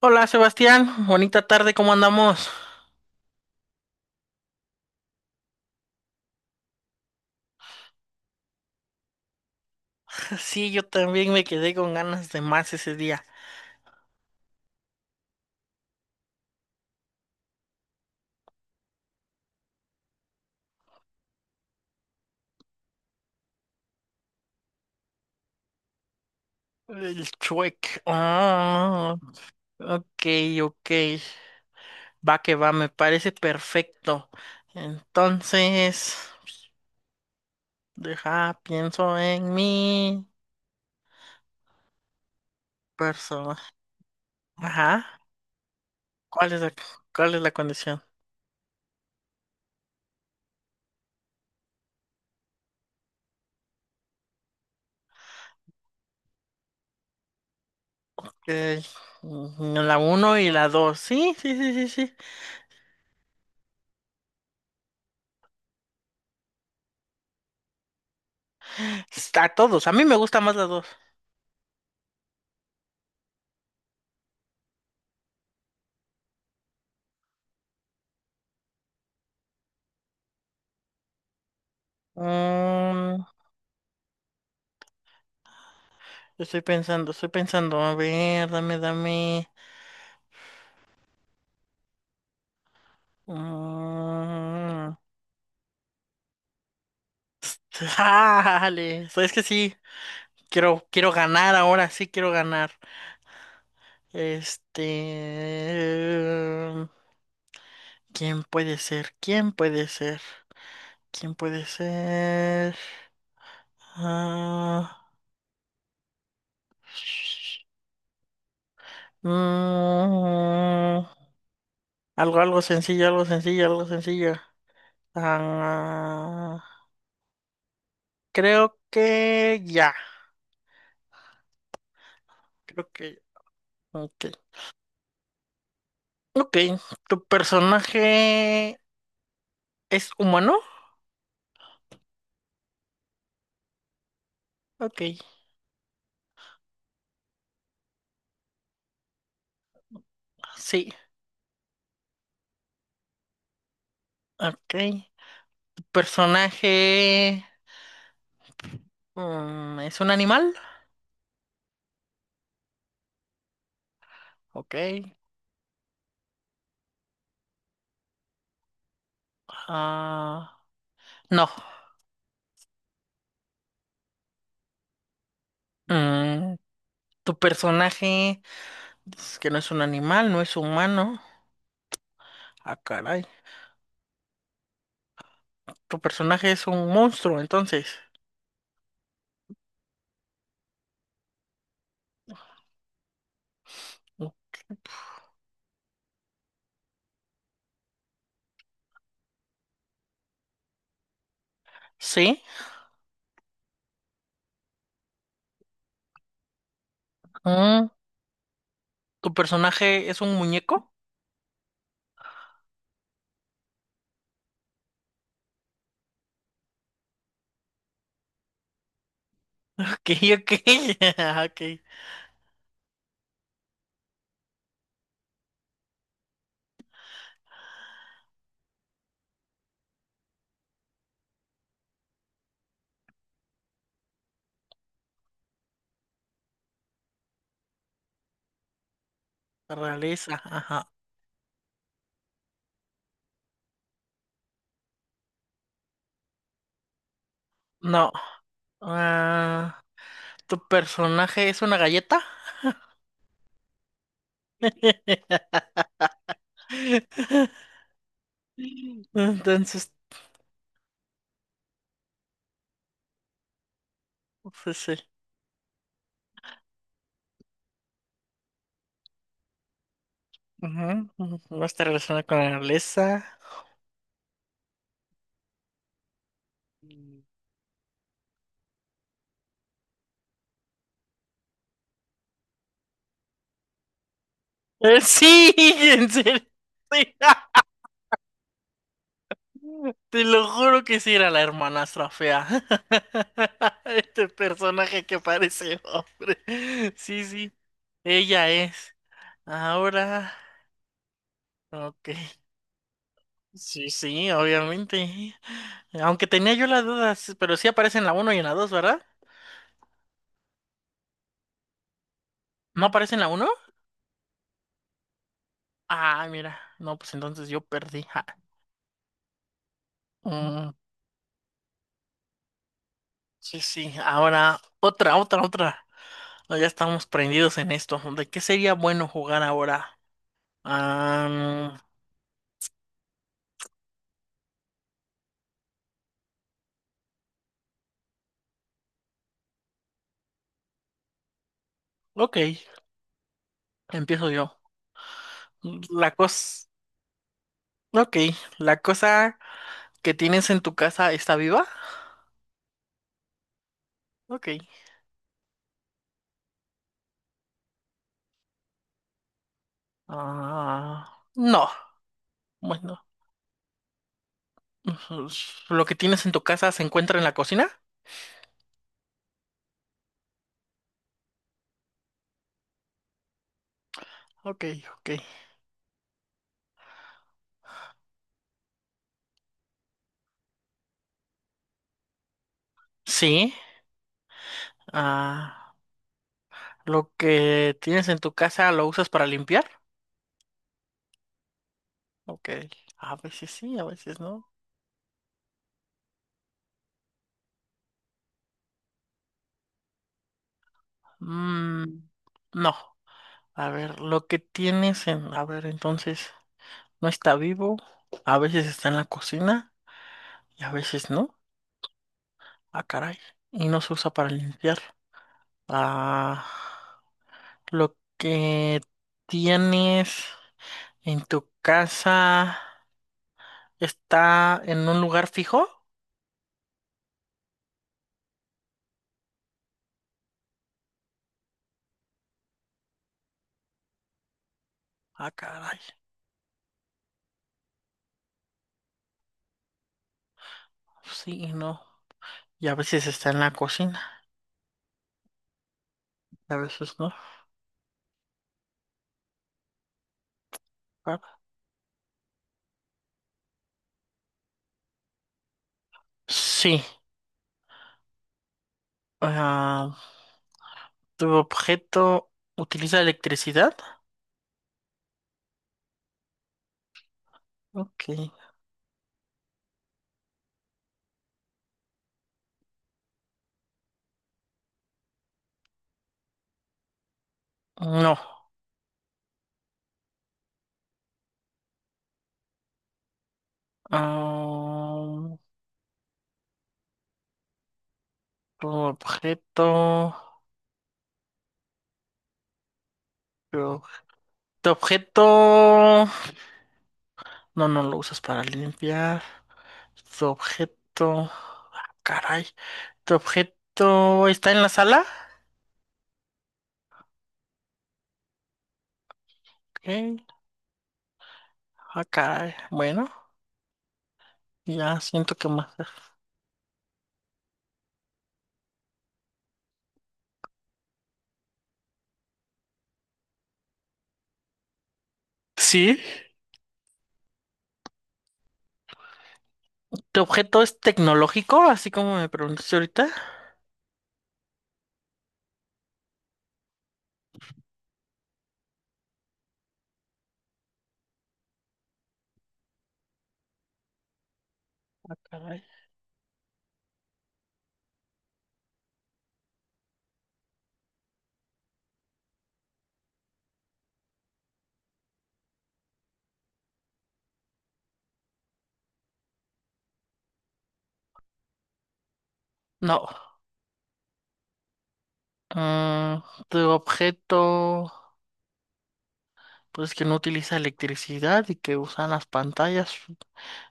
Hola Sebastián, bonita tarde, ¿cómo andamos? Sí, yo también me quedé con ganas de más ese día. El chuec. Ok, ok. Va que va, me parece perfecto. Entonces, deja, pienso en mi persona. Ajá. ¿Cuál es cuál es la condición? Eh, la uno y la dos. Sí, sí, sí, sí, sí. Está a todos. A mí me gusta más la dos. Mm, Yo estoy pensando, a ver, dame, dame. Mm, Dale, sabes que sí, quiero ganar ahora, sí quiero ganar. Este, ¿quién puede ser? ¿Quién puede ser? ¿Quién puede ser? Ah, mm, algo, algo sencillo, algo sencillo, algo sencillo. Ah, creo que ya, creo que ya. Ok. Ok, ¿tu personaje es humano? Ok, sí. Ok, ¿tu personaje es un animal? Ok. Ah, no. Mm, ¿Tu personaje es que no es un animal, no es humano? Ah, caray. ¿Tu personaje es un monstruo, entonces? Sí. Mm, ¿Tu personaje es un muñeco? Ok, ok. Ok. Realeza, ajá. No. Ah, ¿tu personaje es una galleta? Entonces, pues sí. Ujú, ujú. No está relacionado con la nobleza. Eh, sí, en serio. Sí, te lo juro que sí era la hermanastra fea. Este personaje que parece hombre. Sí, sí, ella es. Ahora, ok. Sí, sí, obviamente. Aunque tenía yo las dudas, pero sí aparece en la uno y en la 2, ¿verdad? ¿No aparece en la uno? Ah, mira. No, pues entonces yo perdí. Ja. Mm, sí, sí. Ahora, otra, otra, otra. No, ya estamos prendidos en esto. ¿De qué sería bueno jugar ahora? Ah, ok, empiezo yo. La cosa. Ok, la cosa que tienes en tu casa está viva. Ok. Ah, no. Bueno, lo que tienes en tu casa se encuentra en la cocina. Ok, ok. Sí. Ah, lo que tienes en tu casa lo usas para limpiar. Ok, a veces sí, a veces no. Mm, no, a ver, lo que tienes a ver, entonces, no está vivo, a veces está en la cocina y a veces no. Ah, caray, y no se usa para limpiar. Ah, lo que tienes en tu casa está en un lugar fijo. Ah, caray, sí y no. Y a veces está en la cocina, y a veces no. Ah, sí. ah, ¿tu objeto utiliza electricidad? Ok. No. Ah, tu objeto. Tu ob- Tu objeto. No, no lo usas para limpiar. Tu objeto. Ah, caray. ¿Tu objeto está en la sala? Ok. Ah, caray. Bueno, ya siento que más. Sí. ¿Tu objeto es tecnológico? Así como me preguntaste ahorita. Caray. No. Ah, tu objeto. Pues que no utiliza electricidad y que usan las pantallas.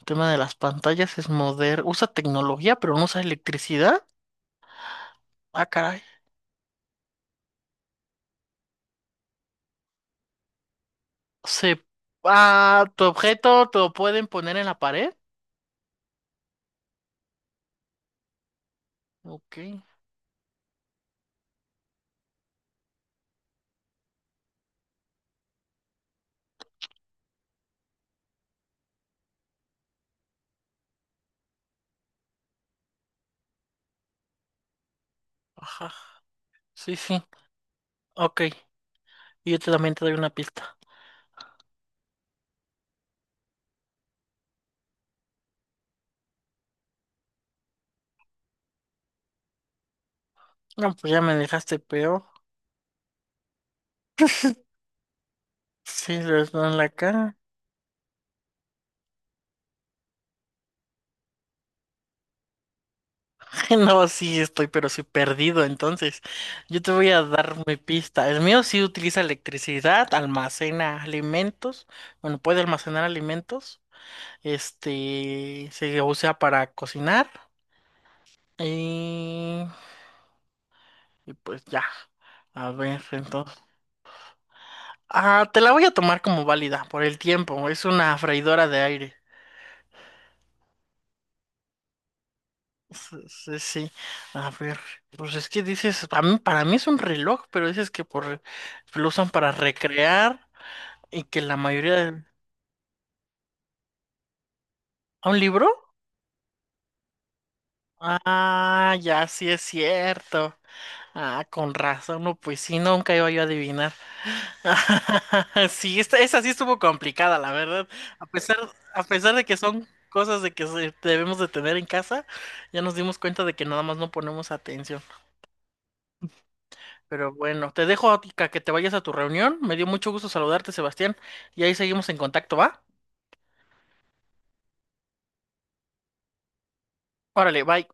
El tema de las pantallas es moderno. Usa tecnología, pero no usa electricidad. Ah, caray. Se... Ah, tu objeto te lo pueden poner en la pared. Ok. Ajá. Sí, sí. Ok. Y también te doy una pista. No, pues ya me dejaste peor. Sí, les doy en la cara. No, sí, estoy, pero sí perdido. Entonces, yo te voy a dar mi pista. El mío sí utiliza electricidad, almacena alimentos. Bueno, puede almacenar alimentos. Este, se usa para cocinar. Y, y pues ya. A ver, entonces. Ah, te la voy a tomar como válida por el tiempo. Es una freidora de aire. Sí, sí, sí. A ver, pues es que dices, para mí es un reloj, pero dices que por, lo usan para recrear. Y que la mayoría de... ¿A un libro? Ah, ya sí es cierto. Ah, con razón, no, pues sí, nunca iba yo a adivinar. Sí, esta, esa sí estuvo complicada, la verdad. A pesar, a pesar de que son cosas de debemos de tener en casa, ya nos dimos cuenta de que nada más no ponemos atención. Pero bueno, te dejo a Otica, que te vayas a tu reunión. Me dio mucho gusto saludarte, Sebastián. Y ahí seguimos en contacto, ¿va? Órale, bye.